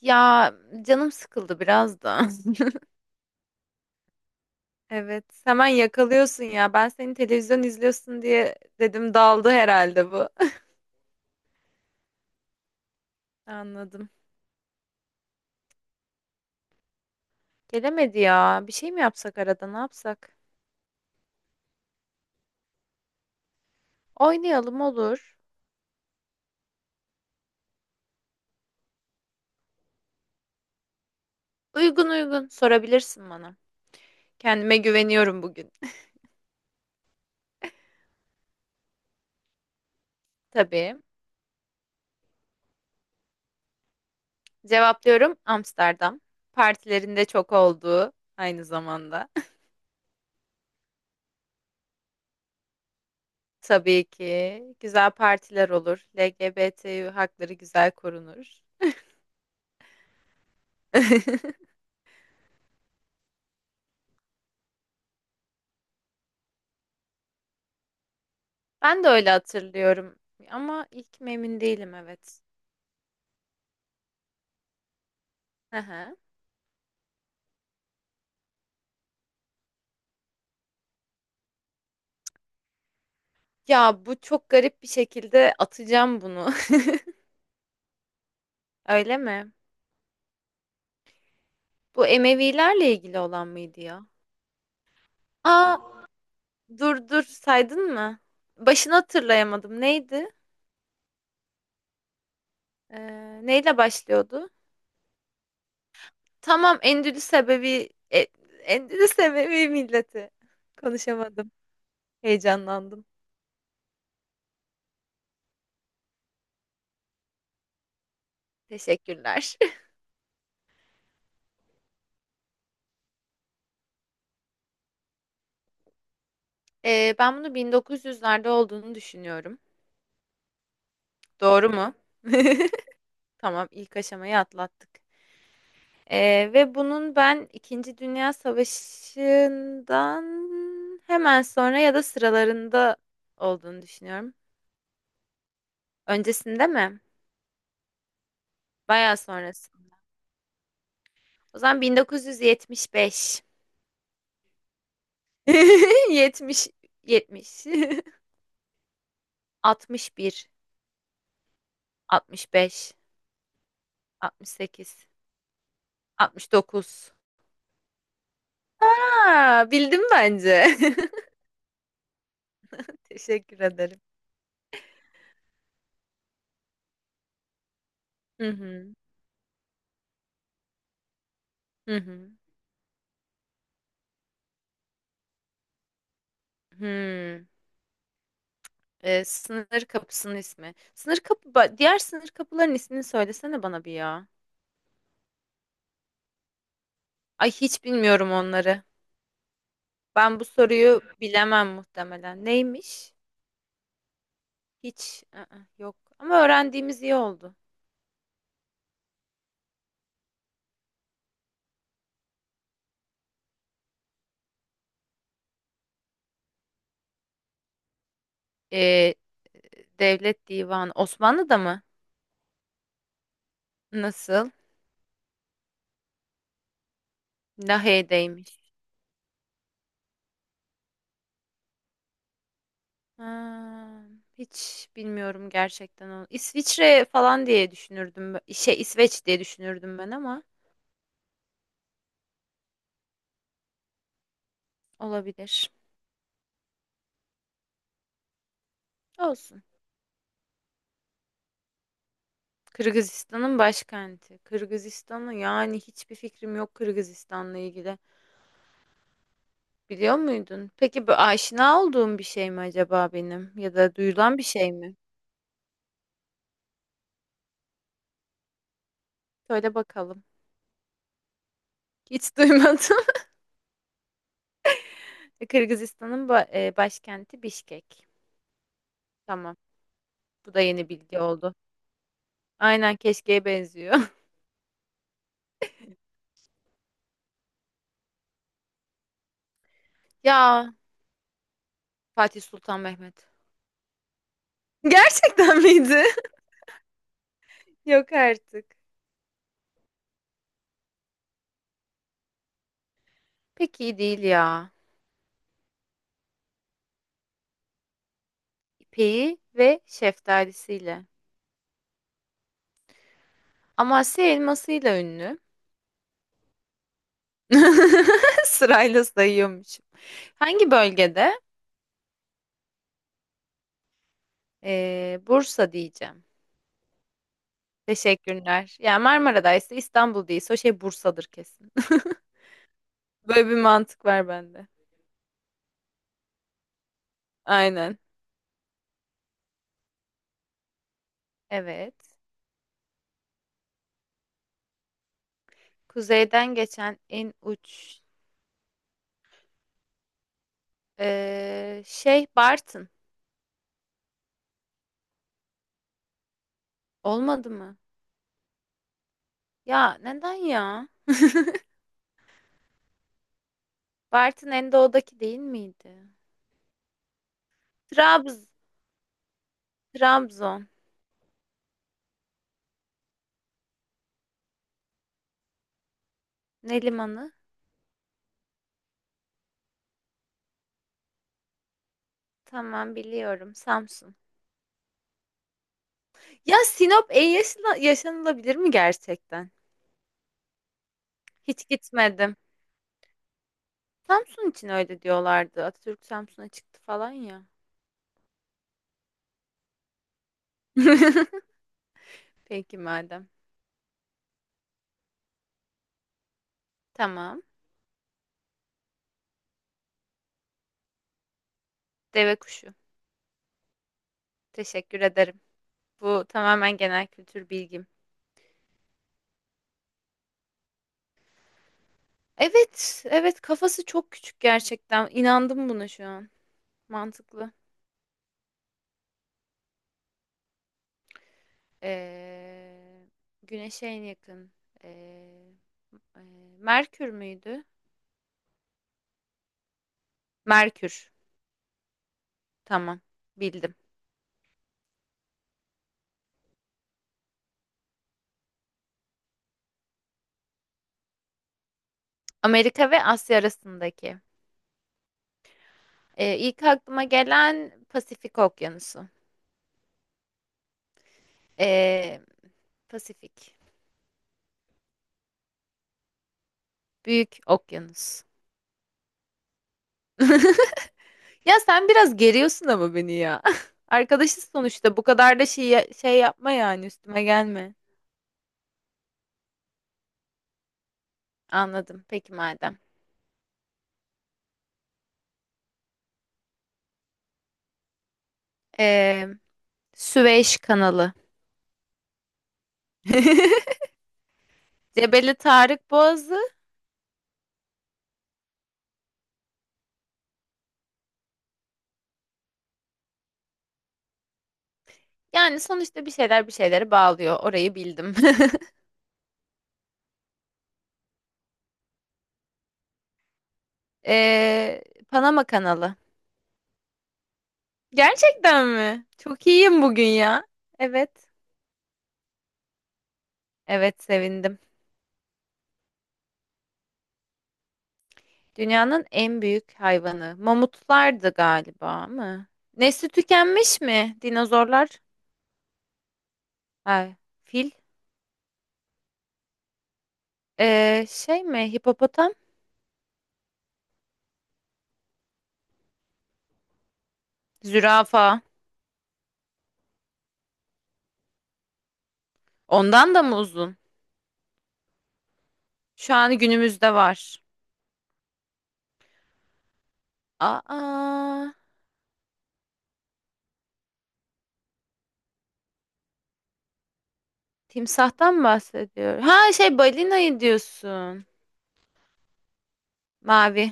Ya canım sıkıldı biraz da. Evet, hemen yakalıyorsun ya. Ben seni televizyon izliyorsun diye dedim daldı herhalde bu. Anladım. Gelemedi ya. Bir şey mi yapsak arada? Ne yapsak? Oynayalım olur. Uygun uygun sorabilirsin bana. Kendime güveniyorum bugün. Tabii. Cevaplıyorum Amsterdam. Partilerinde çok olduğu aynı zamanda. Tabii ki güzel partiler olur. LGBT hakları güzel korunur. Ben de öyle hatırlıyorum ama ilk mi emin değilim evet. Hı hı. Ya bu çok garip bir şekilde atacağım bunu. Öyle mi? Bu Emevilerle ilgili olan mıydı ya? Aa dur dur saydın mı? Başını hatırlayamadım. Neydi? Neyle başlıyordu? Tamam Endülüs sebebi Endülüs Ebevi milleti. Konuşamadım. Heyecanlandım. Teşekkürler. Ben bunu 1900'lerde olduğunu düşünüyorum. Doğru mu? Tamam, ilk aşamayı atlattık. Ve bunun ben İkinci Dünya Savaşı'ndan hemen sonra ya da sıralarında olduğunu düşünüyorum. Öncesinde mi? Bayağı sonrası. O zaman 1975. 70, 70, 61, 65, 68, 69. Aa, bildim bence. Teşekkür ederim. Hı hı, hı hı. Hı. Sınır kapısının ismi. Diğer sınır kapıların ismini söylesene bana bir ya. Ay hiç bilmiyorum onları. Ben bu soruyu bilemem muhtemelen. Neymiş? Hiç. I-ı, yok. Ama öğrendiğimiz iyi oldu. Ee, Devlet Divanı. Osmanlı'da mı? Nasıl? Lahey'deymiş. Ha, hiç bilmiyorum gerçekten onu. İsviçre falan diye düşünürdüm. Şey İsveç diye düşünürdüm ben ama olabilir. Olsun. Kırgızistan'ın başkenti. Kırgızistan'ı yani hiçbir fikrim yok Kırgızistan'la ilgili. Biliyor muydun? Peki bu aşina olduğum bir şey mi acaba benim? Ya da duyulan bir şey mi? Söyle bakalım. Hiç duymadım. Kırgızistan'ın başkenti Bişkek. Tamam. Bu da yeni bilgi oldu. Aynen keşkeye benziyor. Ya Fatih Sultan Mehmet. Gerçekten miydi? Yok artık. Pek iyi değil ya. İpeği ve şeftalisiyle. Amasya elmasıyla ünlü. Sırayla sayıyormuşum. Hangi bölgede? Bursa diyeceğim. Teşekkürler. Yani Marmara'daysa İstanbul değilse o şey Bursa'dır kesin. Böyle bir mantık var bende. Aynen. Evet. Kuzeyden geçen en uç şey Bartın. Olmadı mı? Ya neden ya? Bartın en doğudaki değil miydi? Trabz Trabzon. Ne limanı? Tamam biliyorum. Samsun. Ya Sinop en yaşanılabilir mi gerçekten? Hiç gitmedim. Samsun için öyle diyorlardı. Atatürk Samsun'a çıktı falan ya. Peki madem. Tamam. Deve kuşu. Teşekkür ederim. Bu tamamen genel kültür bilgim. Evet, evet kafası çok küçük gerçekten. İnandım buna şu an. Mantıklı. Ee, güneşe en yakın. Ee, e, Merkür müydü? Merkür. Tamam. Bildim. Amerika ve Asya arasındaki. İlk aklıma gelen Pasifik Okyanusu. Ee, Pasifik. Büyük Okyanus. Ya sen biraz geriyorsun ama beni ya. Arkadaşız sonuçta. Bu kadar da şey yapma yani üstüme gelme. Anladım. Peki madem. Ee, Süveyş Kanalı. Cebeli Tarık Boğazı. Yani sonuçta bir şeyler bir şeyleri bağlıyor. Orayı bildim. Ee, Panama Kanalı. Gerçekten mi? Çok iyiyim bugün ya. Evet. Evet sevindim. Dünyanın en büyük hayvanı. Mamutlardı galiba mı? Nesli tükenmiş mi? Dinozorlar. Ay, fil. Şey mi? Hipopotam. Zürafa. Ondan da mı uzun? Şu an günümüzde var. Aa, timsahtan bahsediyor. Ha şey balinayı diyorsun. Mavi.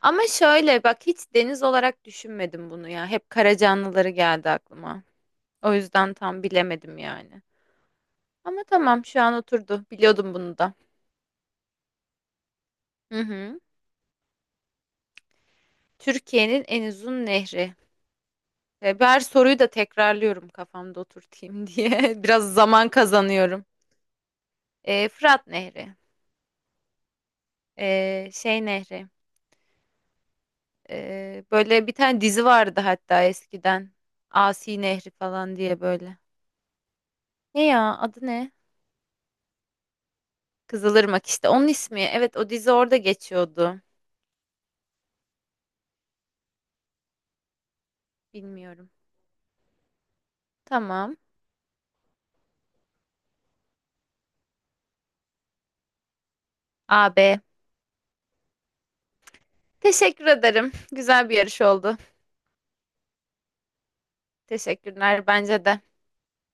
Ama şöyle bak hiç deniz olarak düşünmedim bunu ya. Hep kara canlıları geldi aklıma. O yüzden tam bilemedim yani. Ama tamam şu an oturdu. Biliyordum bunu da. Hı hı. Türkiye'nin en uzun nehri. Ve ben her soruyu da tekrarlıyorum kafamda oturtayım diye. Biraz zaman kazanıyorum. Fırat Nehri. Şey Nehri. Böyle bir tane dizi vardı hatta eskiden. Asi Nehri falan diye böyle. Ne ya adı ne? Kızılırmak işte. Onun ismi. Evet o dizi orada geçiyordu. Bilmiyorum. Tamam. AB. Teşekkür ederim. Güzel bir yarış oldu. Teşekkürler bence de.